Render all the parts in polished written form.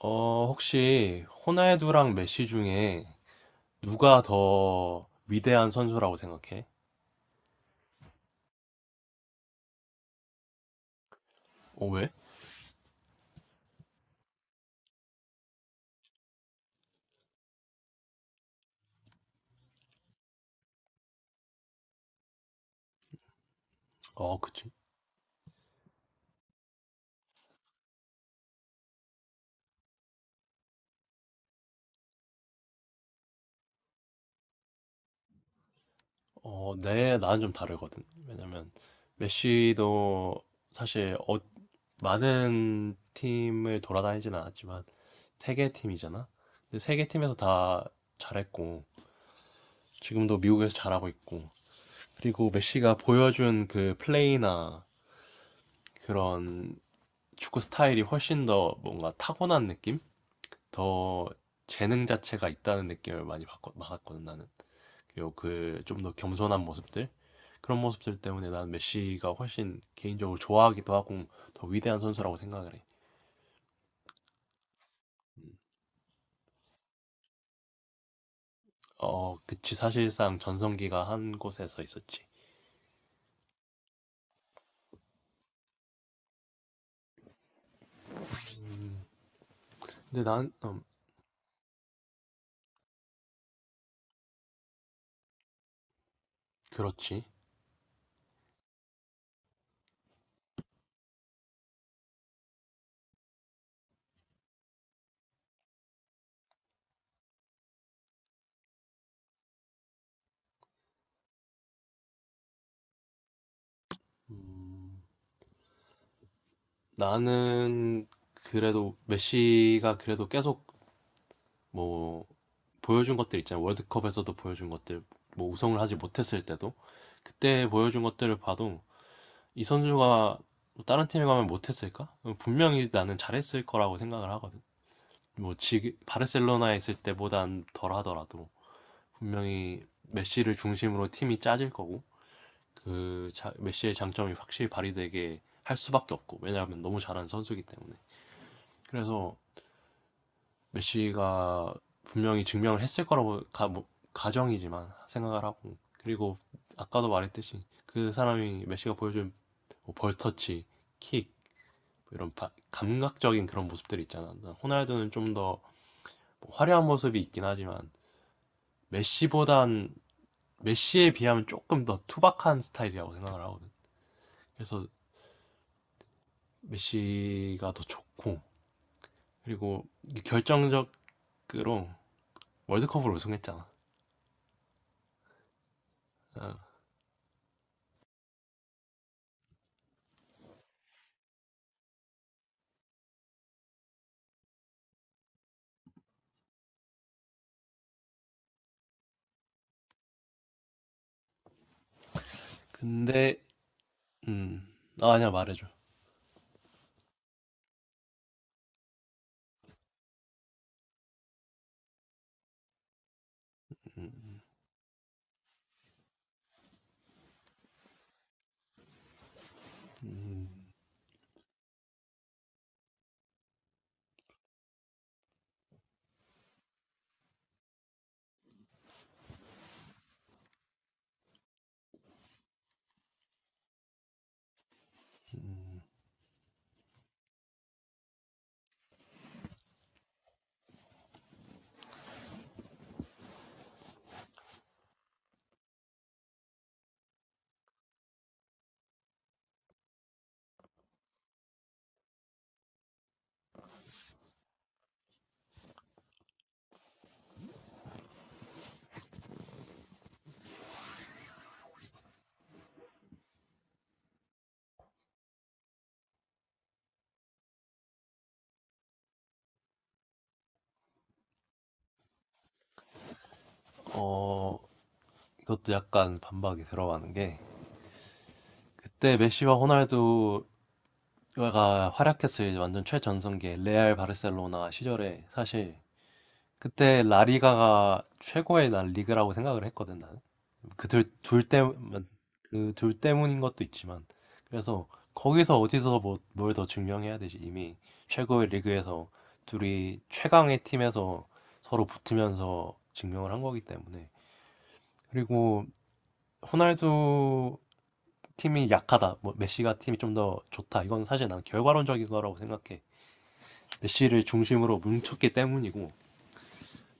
혹시 호날두랑 메시 중에 누가 더 위대한 선수라고 생각해? 왜? 그치. 나는 좀 다르거든. 왜냐면 메시도 사실 많은 팀을 돌아다니진 않았지만 세 개 팀이잖아. 근데 세 개 팀에서 다 잘했고 지금도 미국에서 잘하고 있고. 그리고 메시가 보여준 그 플레이나 그런 축구 스타일이 훨씬 더 뭔가 타고난 느낌? 더 재능 자체가 있다는 느낌을 많이 받 받았거든, 나는. 그리고 그 좀 더 겸손한 모습들? 그런 모습들 때문에 나는 메시가 훨씬 개인적으로 좋아하기도 하고 더 위대한 선수라고 생각을 해. 어, 그치. 사실상 전성기가 한 곳에서 있었지. 근데 난 그렇지. 나는 그래도 메시가 그래도 계속 뭐 보여준 것들 있잖아. 월드컵에서도 보여준 것들, 뭐 우승을 하지 못했을 때도 그때 보여준 것들을 봐도 이 선수가 뭐 다른 팀에 가면 못했을까? 분명히 나는 잘했을 거라고 생각을 하거든. 뭐 지금 바르셀로나에 있을 때보단 덜 하더라도 분명히 메시를 중심으로 팀이 짜질 거고 메시의 장점이 확실히 발휘되게 할 수밖에 없고. 왜냐하면 너무 잘하는 선수이기 때문에 그래서 메시가 분명히 증명을 했을 거라고 가정이지만 생각을 하고. 그리고 아까도 말했듯이 그 사람이 메시가 보여준 뭐 벌터치, 킥, 이런 감각적인 그런 모습들이 있잖아. 호날두는 좀 더 뭐 화려한 모습이 있긴 하지만 메시보단, 메시에 비하면 조금 더 투박한 스타일이라고 생각을 하거든. 그래서 메시가 더 좋고 그리고 결정적으로 월드컵을 우승했잖아. 어, 근데 음, 아, 아니야 말해줘. 음, 음, 음. 어, 이것도 약간 반박이 들어가는 게 그때 메시와 호날두 가 활약했을 완전 최전성기 레알 바르셀로나 시절에 사실 그때 라리가가 최고의 난 리그라고 생각을 했거든, 나는. 그둘둘 때문 그둘 때문인 것도 있지만 그래서 거기서 어디서 뭘 더 증명해야 되지. 이미 최고의 리그에서 둘이 최강의 팀에서 서로 붙으면서 증명을 한 거기 때문에. 그리고 호날두 팀이 약하다, 뭐 메시가 팀이 좀 더 좋다 이건 사실 난 결과론적인 거라고 생각해. 메시를 중심으로 뭉쳤기 때문이고.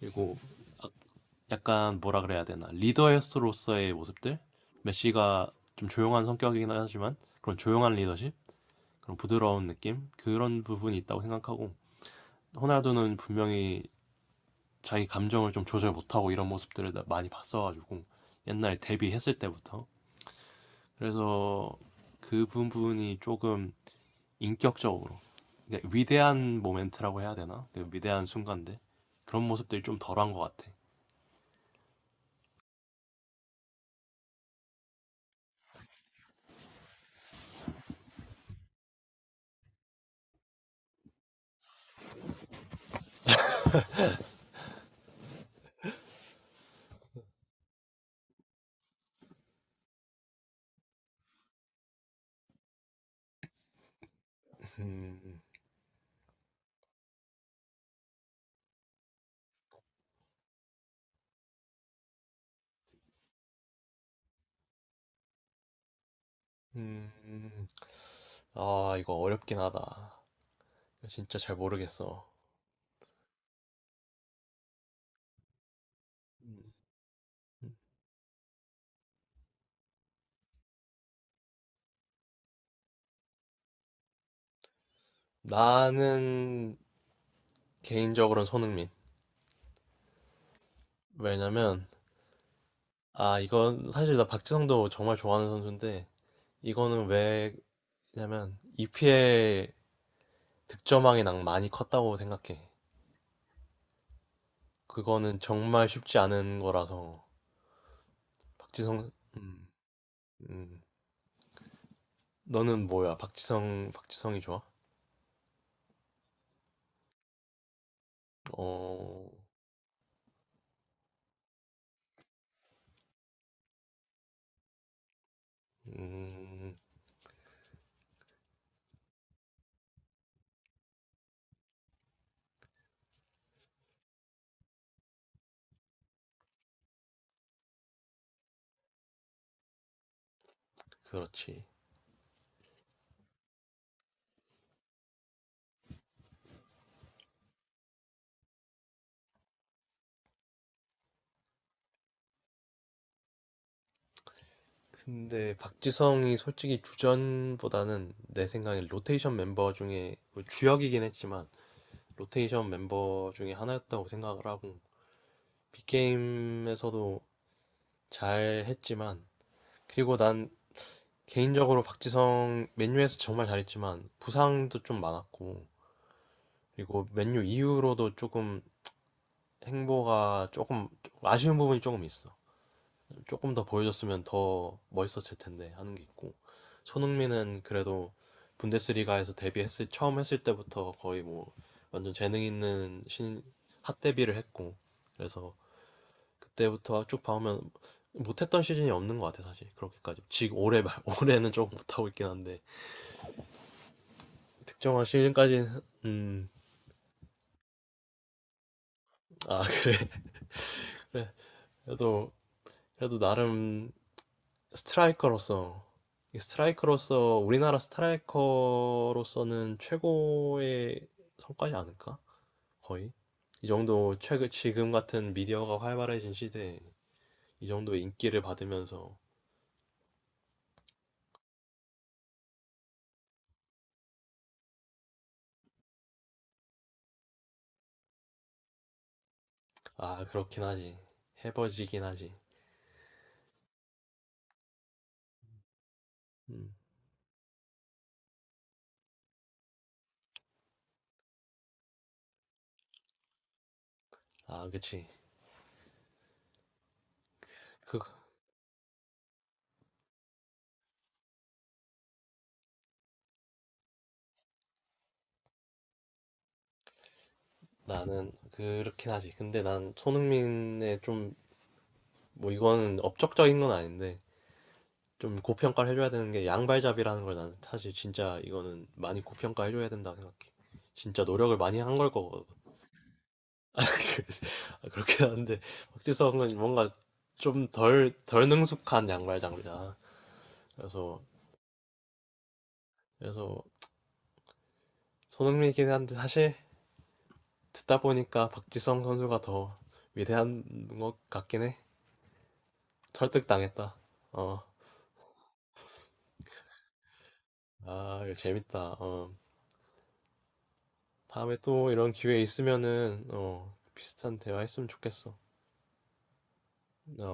그리고 아- 약간 뭐라 그래야 되나, 리더로서의 모습들, 메시가 좀 조용한 성격이긴 하지만 그런 조용한 리더십, 그런 부드러운 느낌, 그런 부분이 있다고 생각하고. 호날두는 분명히 자기 감정을 좀 조절 못하고 이런 모습들을 많이 봤어가지고, 옛날에 데뷔했을 때부터. 그래서 그 부분이 조금 인격적으로. 근데 위대한 모멘트라고 해야 되나? 그 위대한 순간데 그런 모습들이 좀 덜한 것 같아. 음, 아, 이거 어렵긴 하다. 진짜 잘 모르겠어. 음. 나는 개인적으로는 손흥민. 왜냐면, 아, 이건 사실 나 박지성도 정말 좋아하는 선수인데, 이거는 왜냐면, EPL 득점왕의 낭 많이 컸다고 생각해. 그거는 정말 쉽지 않은 거라서, 박지성, 음, 음, 너는 뭐야? 박지성이 좋아? 어, 음, 그렇지. 근데 박지성이 솔직히 주전보다는 내 생각에 로테이션 멤버 중에 뭐 주역이긴 했지만 로테이션 멤버 중에 하나였다고 생각을 하고. 빅게임에서도 잘 했지만 그리고 난 개인적으로 박지성 맨유에서 정말 잘했지만 부상도 좀 많았고 그리고 맨유 이후로도 조금 행보가 조금 아쉬운 부분이 조금 있어. 조금 더 보여줬으면 더 멋있었을 텐데 하는 게 있고. 손흥민은 그래도 분데스리가에서 데뷔했을 처음 했을 때부터 거의 뭐 완전 재능 있는 신 핫 데뷔를 했고. 그래서 그때부터 쭉 봐오면 못했던 시즌이 없는 것 같아. 사실 그렇게까지 지금 올해 말 올해는 조금 못하고 있긴 한데 특정한 시즌까지는 음아. 그래, 그래, 그래도, 그래도 나름 스트라이커로서, 이 스트라이커로서, 우리나라 스트라이커로서는 최고의 성과지 않을까? 거의 이 정도, 최근 지금 같은 미디어가 활발해진 시대에 이 정도의 인기를 받으면서. 아, 그렇긴 하지. 해버지긴 하지. 음. 아, 그치. 그 나는 그렇긴 하지. 근데 난 손흥민의 좀 뭐 이거는 업적적인 건 아닌데 좀 고평가를 해줘야 되는 게 양발잡이라는 걸, 난 사실 진짜 이거는 많이 고평가해줘야 된다고 생각해. 진짜 노력을 많이 한 걸 거거든. 아, 그래서 아, 그렇긴 한데 박지성은 뭔가 좀 덜 능숙한 양발잡이잖아. 그래서 그래서 손흥민이긴 한데 사실 듣다 보니까 박지성 선수가 더 위대한 것 같긴 해. 설득당했다. 어, 아, 이거 재밌다. 어, 다음에 또 이런 기회 있으면은 어, 비슷한 대화 했으면 좋겠어. 어.